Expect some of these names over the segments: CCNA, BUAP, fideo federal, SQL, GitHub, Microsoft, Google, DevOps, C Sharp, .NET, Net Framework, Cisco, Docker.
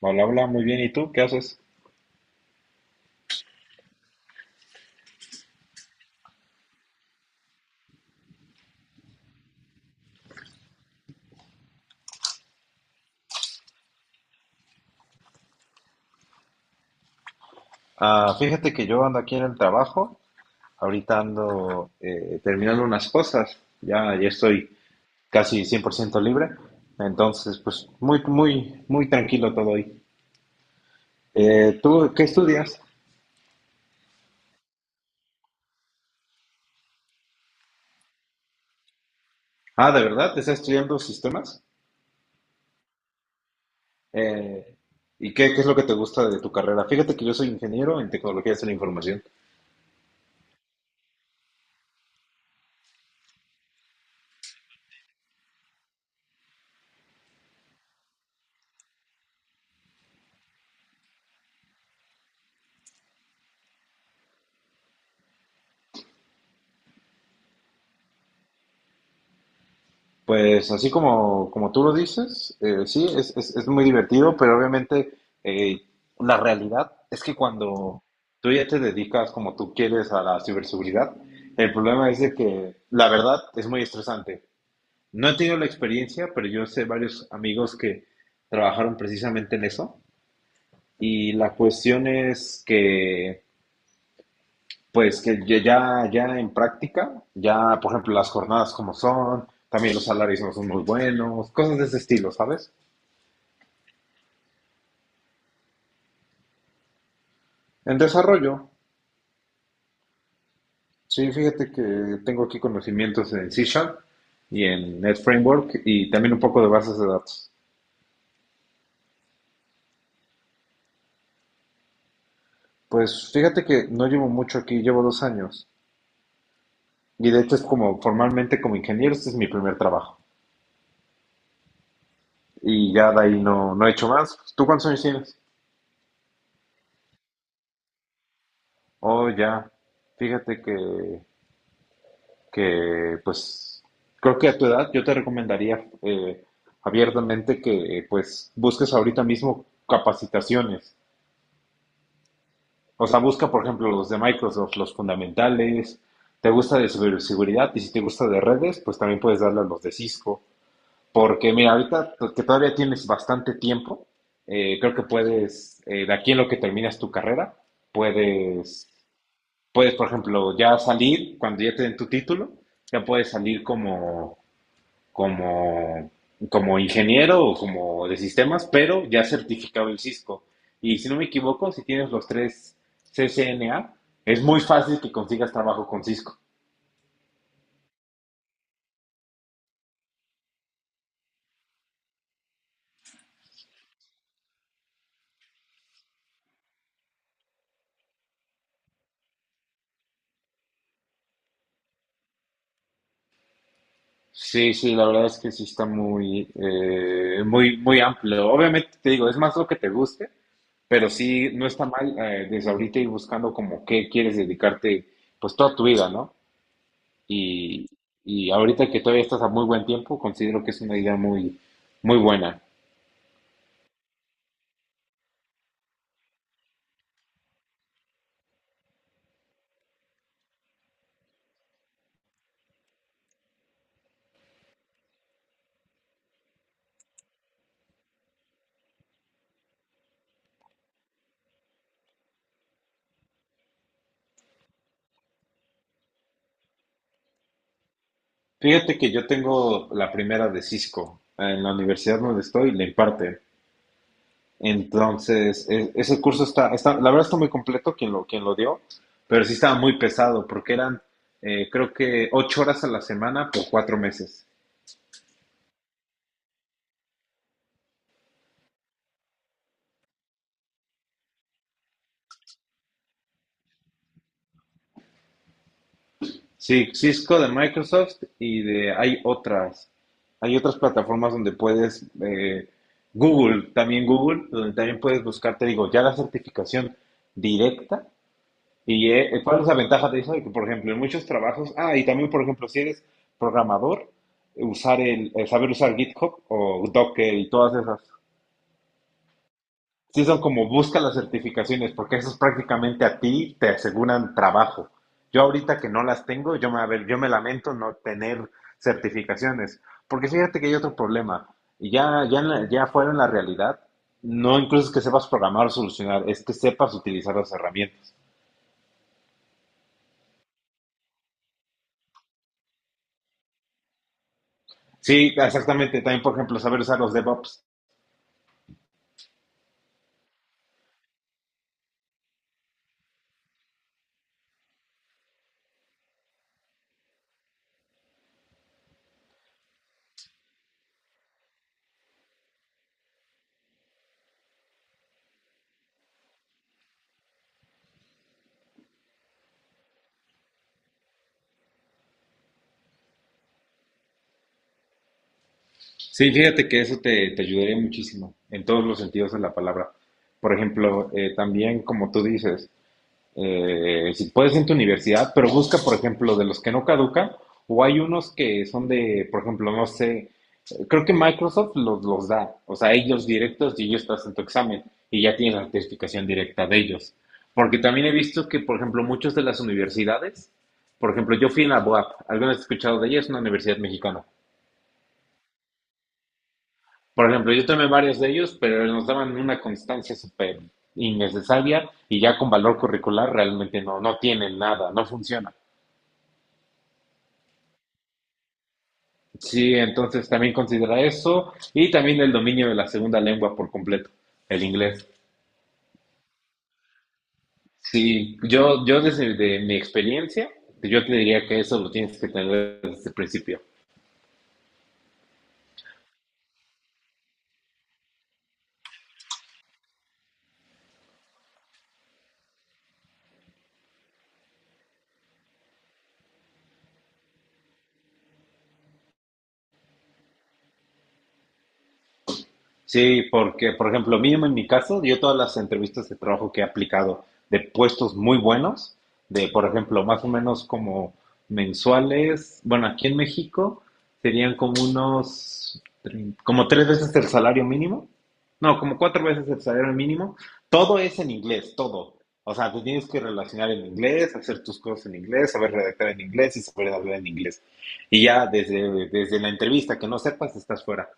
Hola, hola, muy bien. ¿Y tú qué haces? Ah, fíjate que yo ando aquí en el trabajo, ahorita ando terminando unas cosas, ya, ya estoy casi 100% libre, entonces pues muy, muy, muy tranquilo todo hoy. ¿Tú qué estudias? Ah, ¿de verdad? ¿Te ¿Estás estudiando sistemas? Eh, ¿Y qué es lo que te gusta de tu carrera? Fíjate que yo soy ingeniero en tecnologías de la información. Pues así como tú lo dices, sí, es muy divertido, pero obviamente eh, la realidad es que cuando tú ya te dedicas como tú quieres a la ciberseguridad, el problema es de que la verdad es muy estresante. No he tenido la experiencia, pero yo sé varios amigos que trabajaron precisamente en eso y la cuestión es que pues que ya en práctica, ya por ejemplo las jornadas como son, también los salarios no son muy buenos, cosas de ese estilo, ¿sabes? En desarrollo, sí, fíjate que tengo aquí conocimientos en C Sharp y en Net Framework y también un poco de bases de datos. Pues fíjate que no llevo mucho aquí, llevo 2 años y de hecho es como formalmente como ingeniero, este es mi primer trabajo y ya de ahí no, no he hecho más. ¿Tú cuántos años tienes? Oh, ya, fíjate que pues creo que a tu edad yo te recomendaría abiertamente que pues busques ahorita mismo capacitaciones. O sea, busca, por ejemplo, los de Microsoft, los fundamentales. ¿Te gusta de ciberseguridad? Y si te gusta de redes, pues también puedes darle a los de Cisco. Porque mira, ahorita que todavía tienes bastante tiempo, creo que puedes, de aquí en lo que terminas tu carrera, puedes, puedes, por ejemplo, ya salir, cuando ya te den tu título, ya puedes salir como, como ingeniero o como de sistemas, pero ya certificado en Cisco. Y si no me equivoco, si tienes los tres CCNA, es muy fácil que consigas trabajo con Cisco. Sí, sí, la verdad es que sí está muy, muy, muy amplio. Obviamente te digo, es más lo que te guste, pero sí, no está mal desde ahorita ir buscando como qué quieres dedicarte, pues toda tu vida, ¿no? Y, y ahorita que todavía estás a muy buen tiempo, considero que es una idea muy, muy buena. Fíjate que yo tengo la primera de Cisco. En la universidad donde estoy, le imparte. Entonces, ese curso está, la verdad está muy completo quien lo dio, pero sí estaba muy pesado porque eran, creo que, 8 horas a la semana por 4 meses. Sí, Cisco de Microsoft y de, hay otras plataformas donde puedes, Google, también Google, donde también puedes buscar, te digo, ya la certificación directa. ¿Y cuál es la ventaja de eso? De que, por ejemplo, en muchos trabajos, ah, y también, por ejemplo, si eres programador, usar saber usar GitHub o Docker y todas esas. Sí son como busca las certificaciones, porque eso es prácticamente a ti te aseguran trabajo. Yo ahorita que no las tengo, yo me, a ver, yo me lamento no tener certificaciones, porque fíjate que hay otro problema, y ya, ya, ya fuera en la realidad, no incluso es que sepas programar o solucionar, es que sepas utilizar las herramientas. Sí, exactamente. También, por ejemplo, saber usar los DevOps. Sí, fíjate que eso te ayudaría muchísimo en todos los sentidos de la palabra. Por ejemplo, también, como tú dices, si puedes en tu universidad, pero busca, por ejemplo, de los que no caducan, o hay unos que son de, por ejemplo, no sé, creo que Microsoft los da, o sea, ellos directos y ellos te hacen tu examen y ya tienes la certificación directa de ellos. Porque también he visto que, por ejemplo, muchas de las universidades, por ejemplo, yo fui en la BUAP, ¿alguna vez has escuchado de ella? Es una universidad mexicana. Por ejemplo, yo tomé varios de ellos, pero nos daban una constancia súper innecesaria y ya con valor curricular realmente no, no tienen nada, no funciona. Sí, entonces también considera eso y también el dominio de la segunda lengua por completo, el inglés. Sí, yo desde de mi experiencia, yo te diría que eso lo tienes que tener desde el principio. Sí, porque, por ejemplo, mínimo en mi caso, yo todas las entrevistas de trabajo que he aplicado de puestos muy buenos, de, por ejemplo, más o menos como mensuales, bueno, aquí en México serían como unos, como 3 veces el salario mínimo, no, como 4 veces el salario mínimo, todo es en inglés, todo. O sea, tú tienes que relacionar en inglés, hacer tus cosas en inglés, saber redactar en inglés y saber hablar en inglés. Y ya desde la entrevista que no sepas, estás fuera.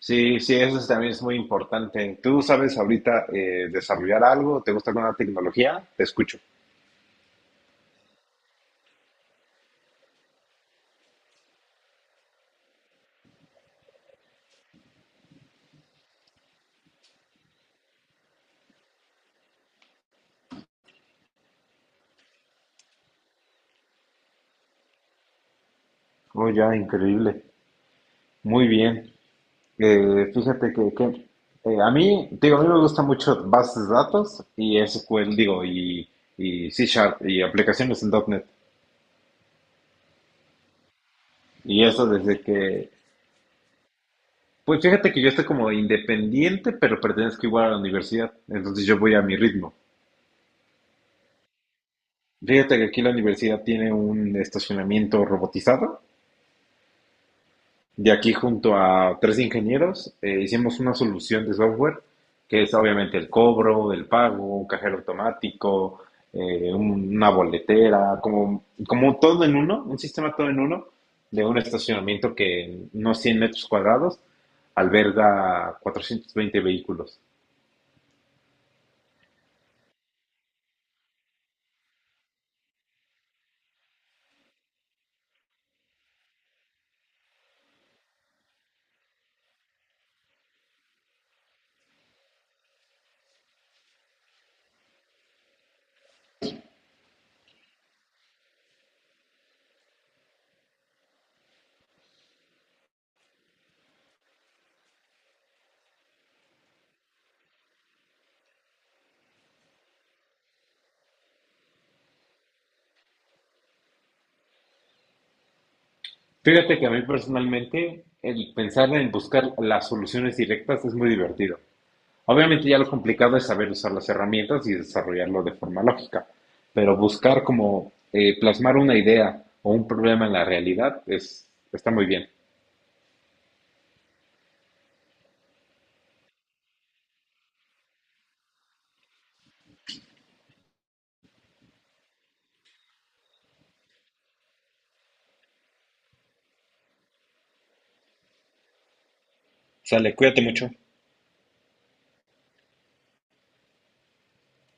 Sí, sí, eso también es muy importante. ¿Tú sabes ahorita desarrollar algo? ¿Te gusta alguna tecnología? Te escucho. Oh, ya, increíble. Muy bien. Fíjate a mí, digo, a mí me gusta mucho bases de datos y SQL, digo, y C Sharp y aplicaciones en .NET. Y eso desde que, pues fíjate que yo estoy como independiente, pero pertenezco igual a la universidad. Entonces yo voy a mi ritmo. Fíjate que aquí la universidad tiene un estacionamiento robotizado. De aquí junto a tres ingenieros hicimos una solución de software, que es obviamente el cobro, el pago, un cajero automático, una boletera, como todo en uno, un sistema todo en uno, de un estacionamiento que en unos 100 metros cuadrados alberga 420 vehículos. Fíjate que a mí personalmente el pensar en buscar las soluciones directas es muy divertido. Obviamente ya lo complicado es saber usar las herramientas y desarrollarlo de forma lógica, pero buscar como plasmar una idea o un problema en la realidad está muy bien. Sale, cuídate mucho.